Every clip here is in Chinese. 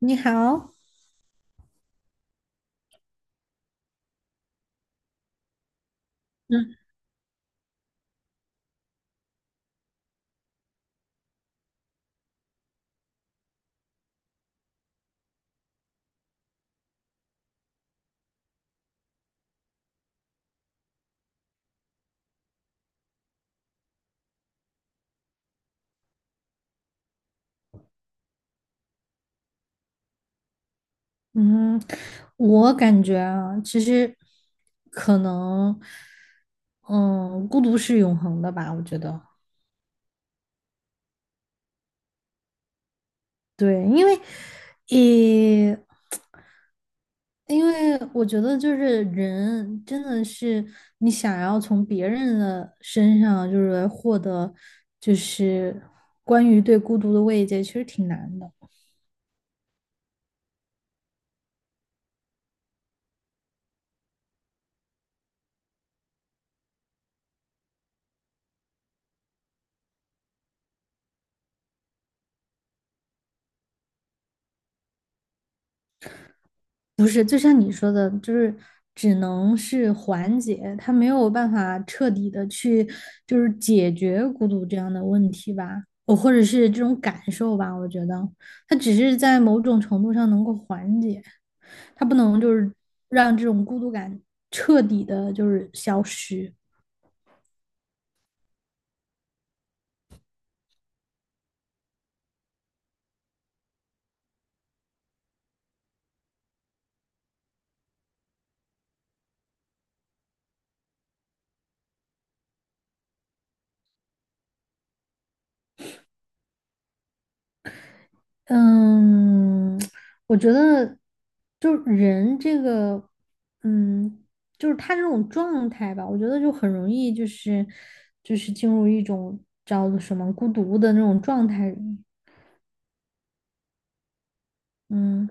你好。嗯嗯，我感觉啊，其实可能，嗯，孤独是永恒的吧，我觉得。对，因为，也，因为我觉得就是人真的是你想要从别人的身上就是获得，就是关于对孤独的慰藉，其实挺难的。不是，就像你说的，就是只能是缓解，他没有办法彻底的去就是解决孤独这样的问题吧，哦，或者是这种感受吧。我觉得他只是在某种程度上能够缓解，他不能让这种孤独感彻底的消失。嗯，我觉得就是人这个，嗯，就是他这种状态吧，我觉得就很容易就是进入一种叫做什么孤独的那种状态里。嗯，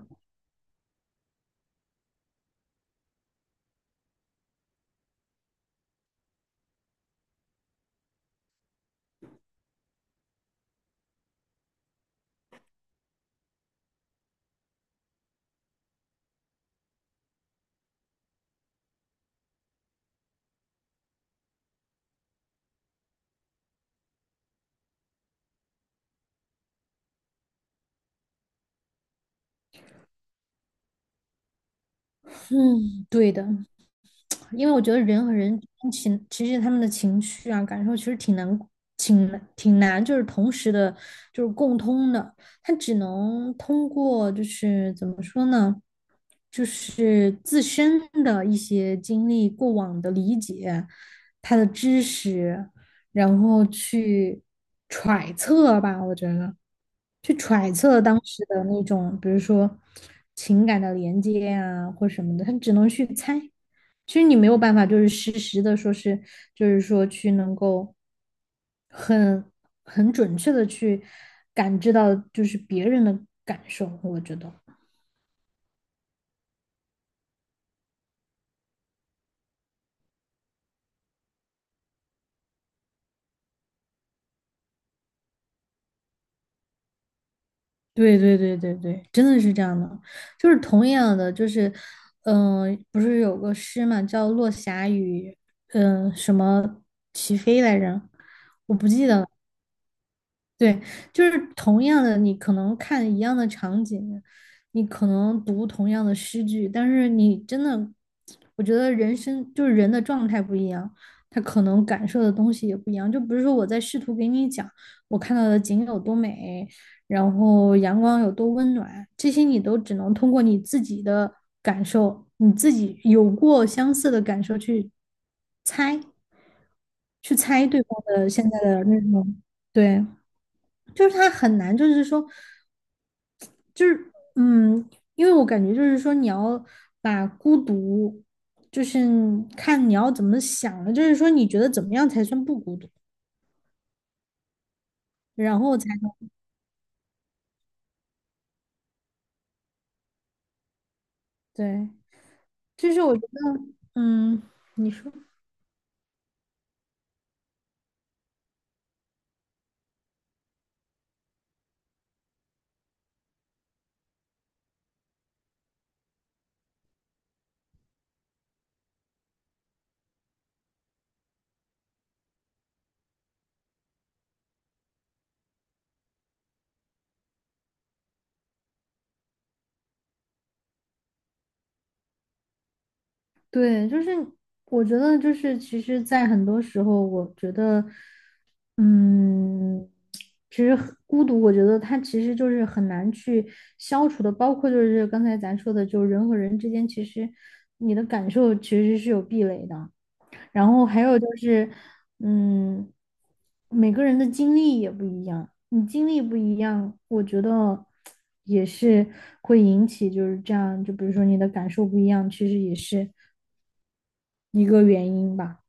嗯，对的。因为我觉得人和人情，其实他们的情绪啊、感受其实挺难挺难,就是同时的，就是共通的。他只能通过就是怎么说呢，就是自身的一些经历、过往的理解、他的知识，然后去揣测吧，我觉得。去揣测当时的那种，比如说情感的连接啊，或什么的，他只能去猜。其实你没有办法，就是实时的说是，就是说去能够很很准确的去感知到，就是别人的感受。我觉得，对，真的是这样的。就是同样的，就是不是有个诗嘛，叫《落霞与什么齐飞来着？我不记得了。对，就是同样的，你可能看一样的场景，你可能读同样的诗句，但是你真的，我觉得人生就是人的状态不一样，他可能感受的东西也不一样。就不是说我在试图给你讲我看到的景有多美，然后阳光有多温暖，这些你都只能通过你自己的感受，你自己有过相似的感受去猜，去猜对方的现在的那种。对。就是他很难，就是说，就是嗯，因为我感觉就是说，你要把孤独，就是看你要怎么想了，就是说你觉得怎么样才算不孤独，然后才能对。就是我觉得，嗯，你说。对，就是我觉得就是其实，在很多时候，我觉得，嗯，其实很孤独，我觉得它其实就是很难去消除的，包括就是刚才咱说的，就是人和人之间，其实你的感受其实是有壁垒的。然后还有就是，嗯，每个人的经历也不一样，你经历不一样，我觉得也是会引起就是这样，就比如说你的感受不一样，其实也是。一个原因吧。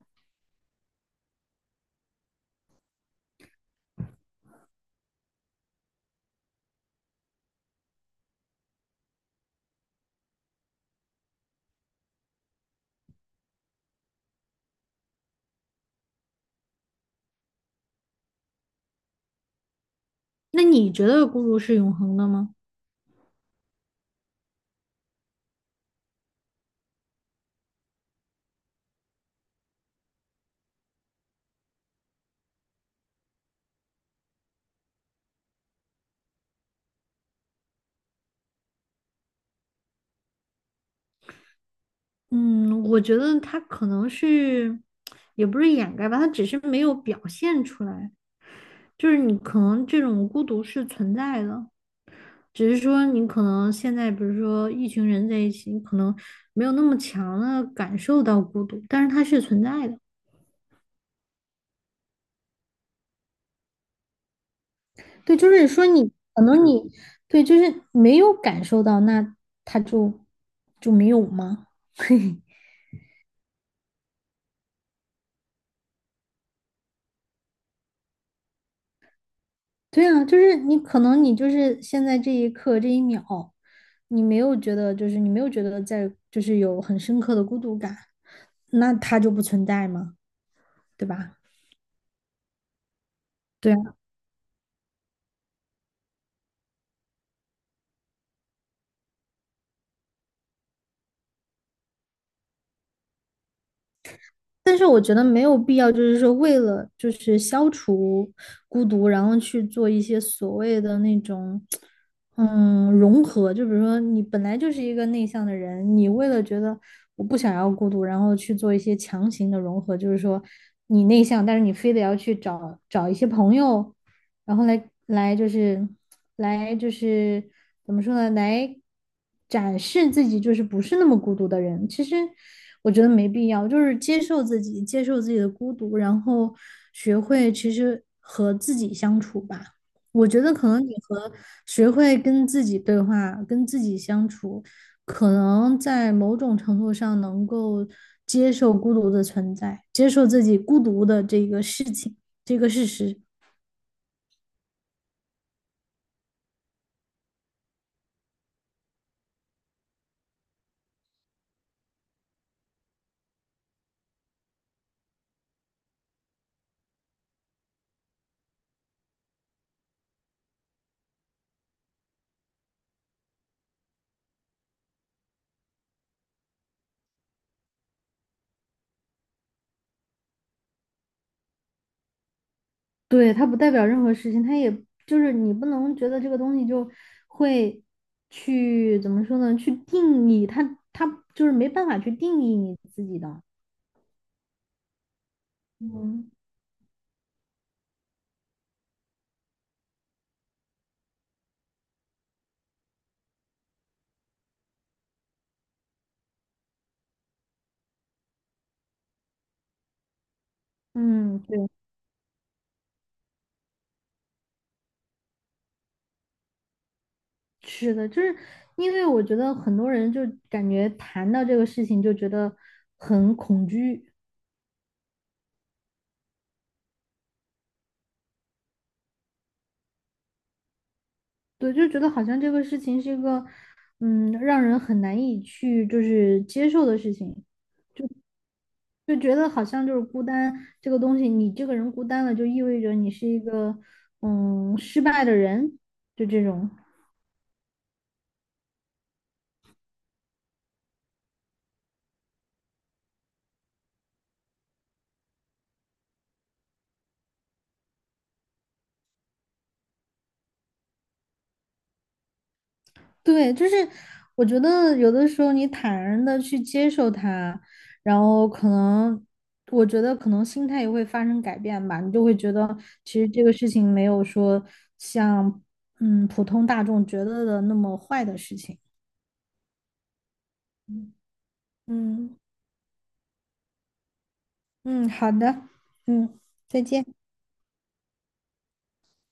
那你觉得孤独是永恒的吗？嗯，我觉得它可能是，也不是掩盖吧，它只是没有表现出来。就是你可能这种孤独是存在的，只是说你可能现在，比如说一群人在一起，你可能没有那么强的感受到孤独，但是它是存在的。对，就是说你可能对，就是没有感受到，那它就就没有吗？对啊，就是你可能你就是现在这一刻这一秒，你没有觉得就是你没有觉得在就是有很深刻的孤独感，那它就不存在嘛，对吧？对啊。但是我觉得没有必要，就是说为了就是消除孤独，然后去做一些所谓的那种，融合。就比如说你本来就是一个内向的人，你为了觉得我不想要孤独，然后去做一些强行的融合，就是说你内向，但是你非得要去找一些朋友，然后来来就是来就是怎么说呢？来展示自己就是不是那么孤独的人。其实我觉得没必要，就是接受自己，接受自己的孤独，然后学会其实和自己相处吧。我觉得可能学会跟自己对话、跟自己相处，可能在某种程度上能够接受孤独的存在，接受自己孤独的这个事情，这个事实。对，它不代表任何事情，它也你不能觉得这个东西就会去怎么说呢？去定义它，它就是没办法去定义你自己的。嗯嗯,对，是的。就是因为我觉得很多人就感觉谈到这个事情就觉得很恐惧。对，就觉得好像这个事情是一个让人很难以去就是接受的事情。就觉得好像就是孤单这个东西，你这个人孤单了，就意味着你是一个失败的人，就这种。对，就是我觉得有的时候你坦然的去接受它，然后可能我觉得可能心态也会发生改变吧，你就会觉得其实这个事情没有说像普通大众觉得的那么坏的事情。嗯嗯,好的，嗯，再见。